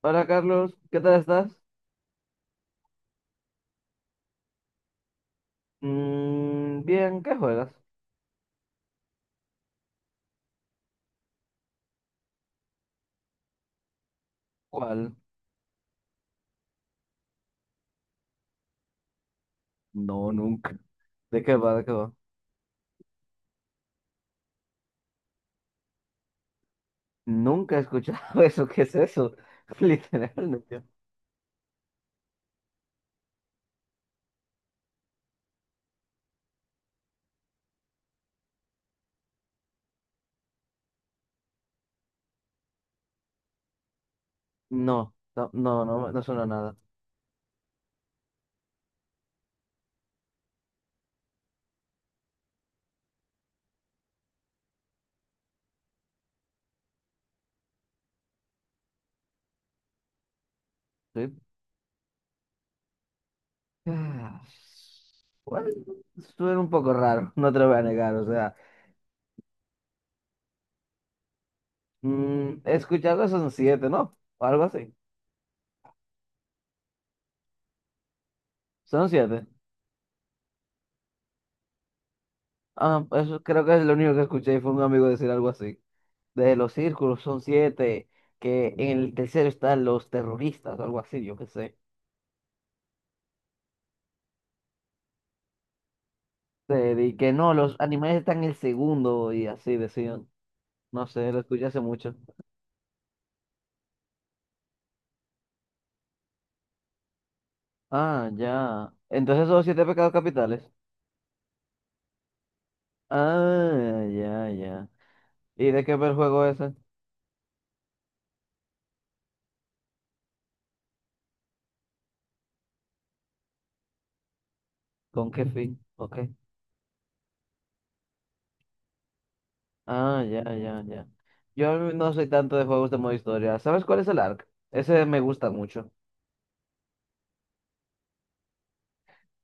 Hola Carlos, ¿qué tal estás? Bien, ¿qué juegas? ¿Cuál? No, nunca. ¿De qué va? ¿De qué va? Nunca he escuchado eso, ¿qué es eso? Literalmente. No, no, no, no, no suena nada. Sí. Ah, bueno, suena un poco raro, no te lo voy a negar, o sea, he escuchado que son siete, ¿no? O algo así. Son siete. Ah, eso creo que es lo único que escuché y fue un amigo decir algo así. De los círculos son siete, que en el tercero están los terroristas o algo así, yo qué sé. Y que no, los animales están en el segundo y así decían. No sé, lo escuché hace mucho. Ah, ya. Entonces son los siete pecados capitales. Ah, ya, ya. ¿Y de qué va el juego ese? ¿Con qué fin? Ok. Ah, ya, ya, ya. Yo no soy tanto de juegos de modo historia. ¿Sabes cuál es el ARK? Ese me gusta mucho.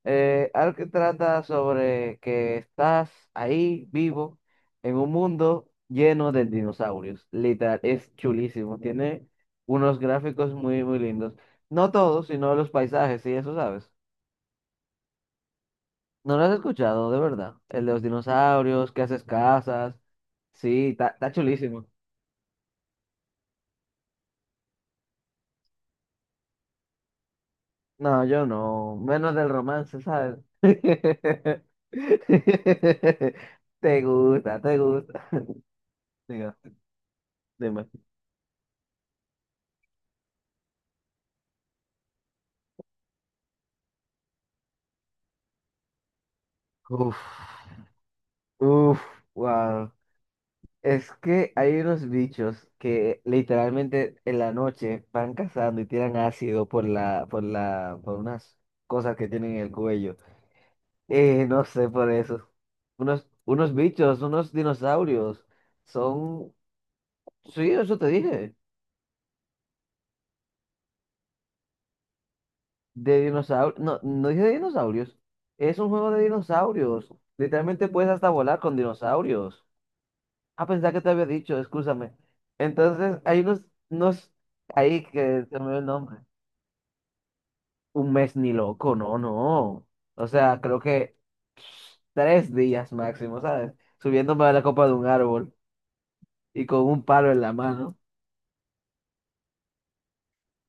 Algo que trata sobre que estás ahí vivo en un mundo lleno de dinosaurios. Literal, es chulísimo. Tiene unos gráficos muy, muy lindos. No todos, sino los paisajes, y eso sabes. No lo has escuchado, de verdad. El de los dinosaurios, que haces casas. Sí, está está chulísimo. No, yo no. Menos del romance, ¿sabes? Te gusta, te gusta. Diga, dime. Uf. Uf, wow. Es que hay unos bichos que literalmente en la noche van cazando y tiran ácido por la, por unas cosas que tienen en el cuello. No sé por eso. Unos bichos, unos dinosaurios. Son, sí, eso te dije. De dinosaurios. No, no dije de dinosaurios. Es un juego de dinosaurios. Literalmente puedes hasta volar con dinosaurios. Ah, pensaba que te había dicho, escúchame. Entonces, hay unos, unos ahí que se me olvidó el nombre. Un mes ni loco, no, no. O sea, creo que 3 días máximo, ¿sabes? Subiéndome a la copa de un árbol y con un palo en la mano.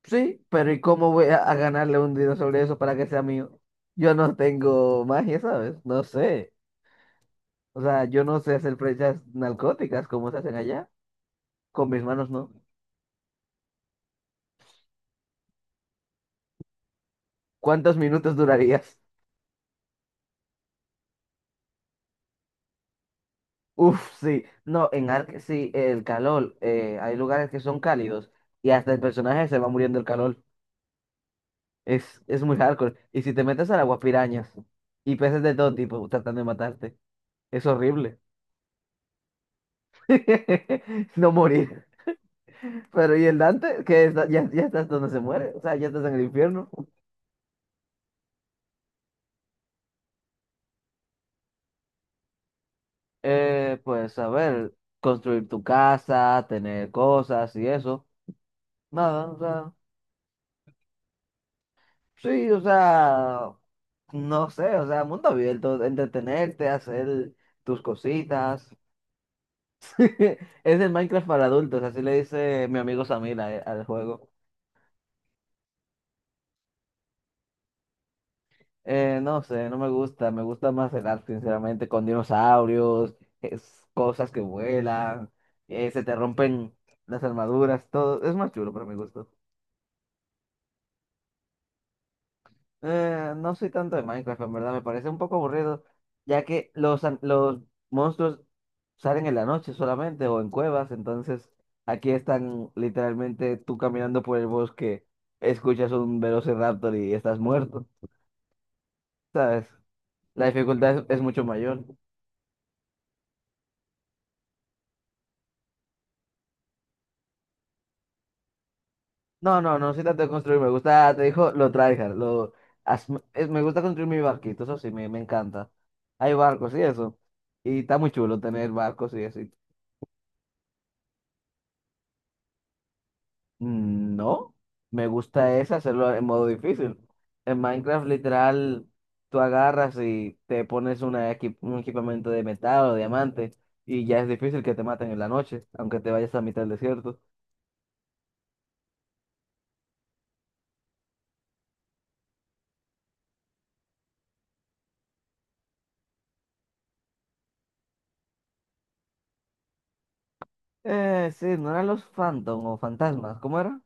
Sí, pero ¿y cómo voy a ganarle un dinero sobre eso para que sea mío? Yo no tengo magia, ¿sabes? No sé. O sea, yo no sé hacer flechas narcóticas como se hacen allá. Con mis manos no. ¿Cuántos minutos durarías? Uf, sí, no, en Ark sí, el calor, hay lugares que son cálidos y hasta el personaje se va muriendo el calor. Es muy hardcore. Y si te metes al agua, pirañas y peces de todo tipo tratando de matarte. Es horrible. No morir. Pero ¿y el Dante? Que está- ya, ya estás donde se muere, o sea, ya estás en el infierno. Pues a ver, construir tu casa, tener cosas y eso. Nada, o sea. Sí, o sea, no sé, o sea, mundo abierto, entretenerte, hacer tus cositas. Es el Minecraft para adultos, así le dice mi amigo Samir a- al juego. No sé, no me gusta, me gusta más el arte, sinceramente, con dinosaurios, es, cosas que vuelan, se te rompen las armaduras, todo, es más chulo para mi gusto. No soy tanto de Minecraft, en verdad, me parece un poco aburrido, ya que los monstruos salen en la noche solamente o en cuevas, entonces aquí están literalmente tú caminando por el bosque, escuchas un velociraptor y estás muerto, ¿sabes? La dificultad es mucho mayor. No, no, no soy tanto de construir, me gusta, te dijo, lo tryhard, as- me gusta construir mi barquito, eso sí, me encanta. Hay barcos y eso, y está muy chulo tener barcos y eso. No, me gusta es hacerlo en modo difícil. En Minecraft, literal, tú agarras y te pones una equi- un equipamiento de metal o diamante y ya es difícil que te maten en la noche, aunque te vayas a mitad del desierto. Sí, no eran los Phantom o fantasmas, ¿cómo era?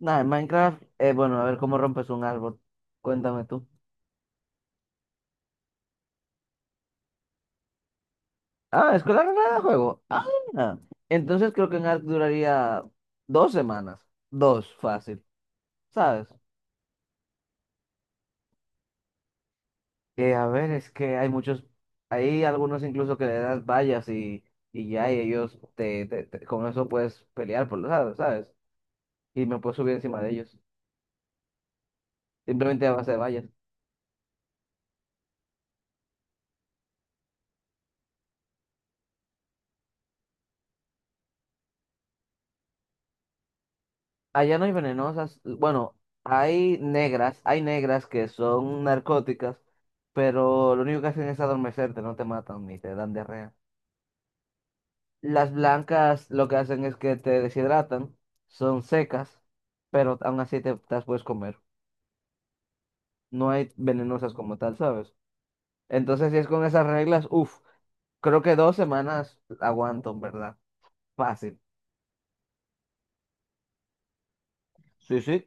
Nada, en Minecraft, bueno, a ver cómo rompes un árbol. Cuéntame tú. Ah, es con la regla de juego. Ah, entonces creo que en Ark duraría 2 semanas. Dos, fácil, ¿sabes? A ver, es que hay muchos, hay algunos incluso que le das vallas y ya, y ellos con eso puedes pelear por los lados, ¿sabes? Y me puedo subir encima de ellos, simplemente a base de vallas. Allá no hay venenosas, bueno, hay negras que son narcóticas, pero lo único que hacen es adormecerte, no te matan ni te dan diarrea. Las blancas lo que hacen es que te deshidratan, son secas, pero aún así te las puedes comer. No hay venenosas como tal, ¿sabes? Entonces, si es con esas reglas, uff, creo que 2 semanas aguanto, en ¿verdad? Fácil. Sí, sí.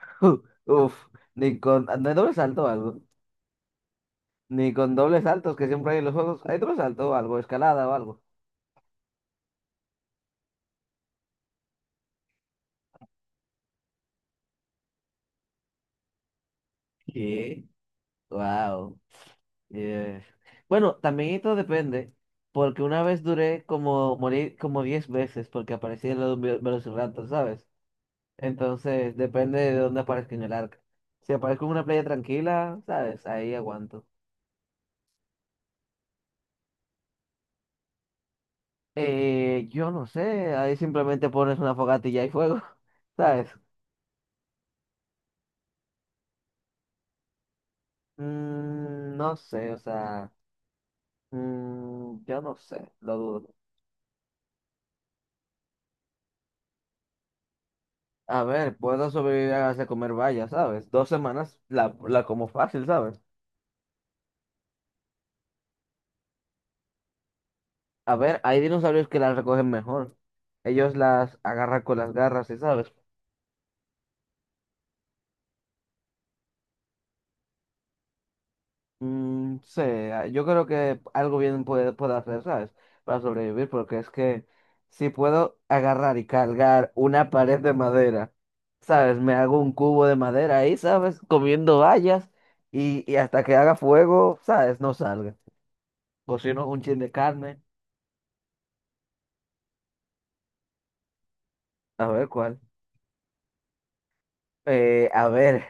Uff, ni con, no hay doble salto o algo. Ni con dobles saltos que siempre hay en los juegos. ¿Hay doble salto o algo? ¿Escalada o algo? ¿Qué? Wow. Yeah. Bueno, también esto depende, porque una vez duré como morir como 10 veces porque aparecía en los velociraptor, ¿sabes? Entonces, depende de dónde aparezca en el arca. Si aparezco en una playa tranquila, ¿sabes? Ahí aguanto. Yo no sé, ahí simplemente pones una fogata y ya hay fuego, ¿sabes? No sé, o sea, yo no sé, lo dudo. A ver, puedo sobrevivir a base de comer bayas, ¿sabes? 2 semanas la como fácil, ¿sabes? A ver, hay dinosaurios que las recogen mejor. Ellos las agarran con las garras, ¿sí? ¿sabes? Mm, sí, ah, yo creo que algo bien puede, puedo hacer, ¿sabes? Para sobrevivir, porque es que si puedo agarrar y cargar una pared de madera, ¿sabes? Me hago un cubo de madera ahí, ¿sabes? Comiendo bayas y hasta que haga fuego, ¿sabes? No salga. Cocino un chin de carne, a ver cuál. A ver.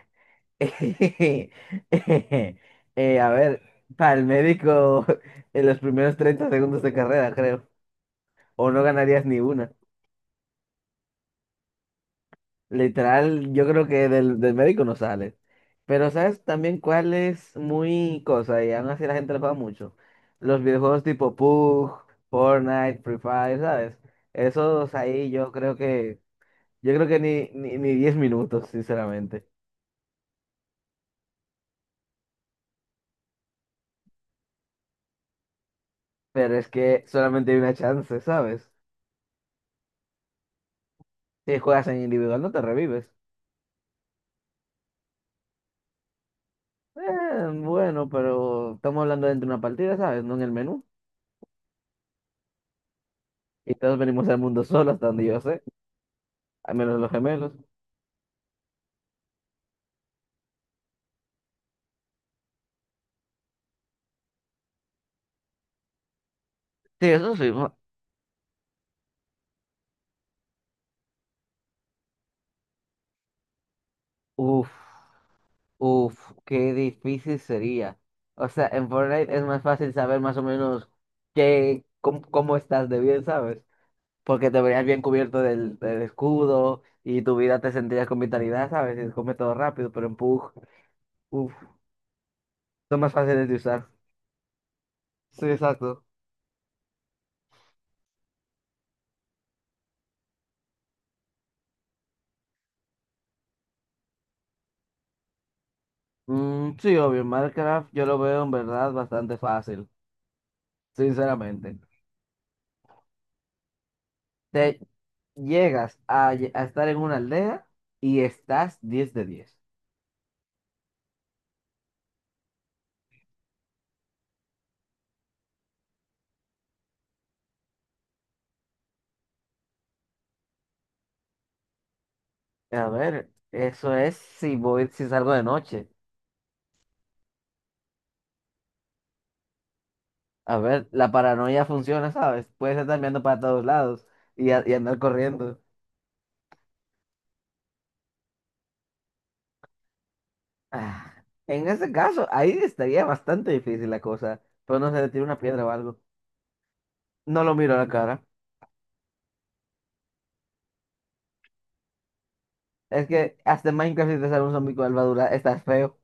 A ver, para el médico en los primeros 30 segundos de carrera, creo. O no ganarías ni una. Literal, yo creo que del médico no sale. Pero ¿sabes también cuál es muy cosa? Y aún así la gente le paga mucho. Los videojuegos tipo PUBG, Fortnite, Free Fire, ¿sabes? Esos ahí yo creo que, ni 10 minutos, sinceramente. Pero es que solamente hay una chance, ¿sabes? Si juegas en individual no te revives. Bueno, pero estamos hablando dentro de una partida, ¿sabes? No en el menú. Y todos venimos al mundo solos, hasta donde yo sé. Al menos los gemelos. Sí, eso sí. Uf, uf, qué difícil sería. O sea, en Fortnite es más fácil saber más o menos qué, cómo estás de bien, ¿sabes? Porque te verías bien cubierto del escudo y tu vida te sentirías con vitalidad, ¿sabes? Y se come todo rápido, pero en Pug, uf, son más fáciles de usar. Sí, exacto. Mm, sí, obvio, en Minecraft yo lo veo en verdad bastante fácil, sinceramente. Te llegas a estar en una aldea y estás 10 de 10. A ver, eso es si voy, si salgo de noche. A ver, la paranoia funciona, ¿sabes? Puedes estar mirando para todos lados y andar corriendo. Ah, en ese caso, ahí estaría bastante difícil la cosa. Pero no se le tira una piedra o algo. No lo miro a la cara. Es que hasta en Minecraft si te sale un zombie con armadura, estás feo.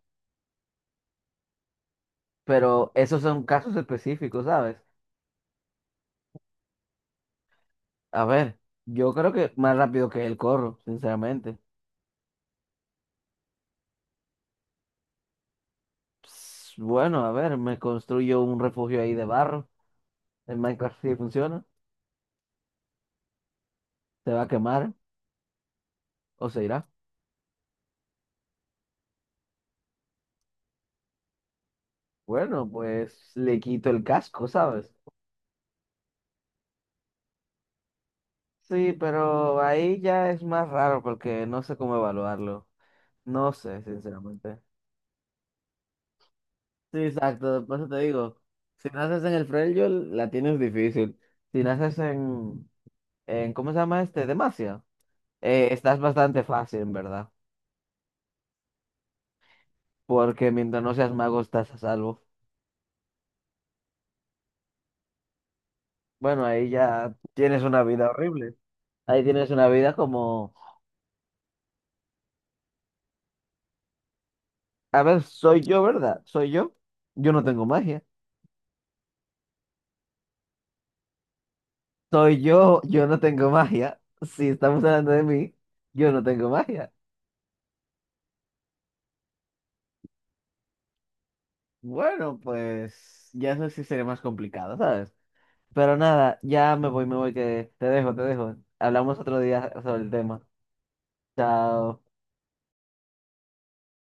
Pero esos son casos específicos, ¿sabes? A ver, yo creo que más rápido que él corro, sinceramente. Ps, bueno, a ver, me construyo un refugio ahí de barro. El Minecraft sí funciona, se va a quemar o se irá. Bueno, pues le quito el casco, ¿sabes? Sí, pero ahí ya es más raro porque no sé cómo evaluarlo. No sé, sinceramente. Sí, exacto, por eso te digo, si naces en el Freljord, la tienes difícil. Si naces en ¿cómo se llama este? Demacia, estás bastante fácil, en verdad. Porque mientras no seas mago estás a salvo. Bueno, ahí ya tienes una vida horrible. Ahí tienes una vida como... A ver, soy yo, ¿verdad? Soy yo. Yo no tengo magia. Soy yo, yo no tengo magia. Si estamos hablando de mí, yo no tengo magia. Bueno, pues ya eso sí sería más complicado, ¿sabes? Pero nada, ya me voy, que te dejo, te dejo. Hablamos otro día sobre el tema. Chao.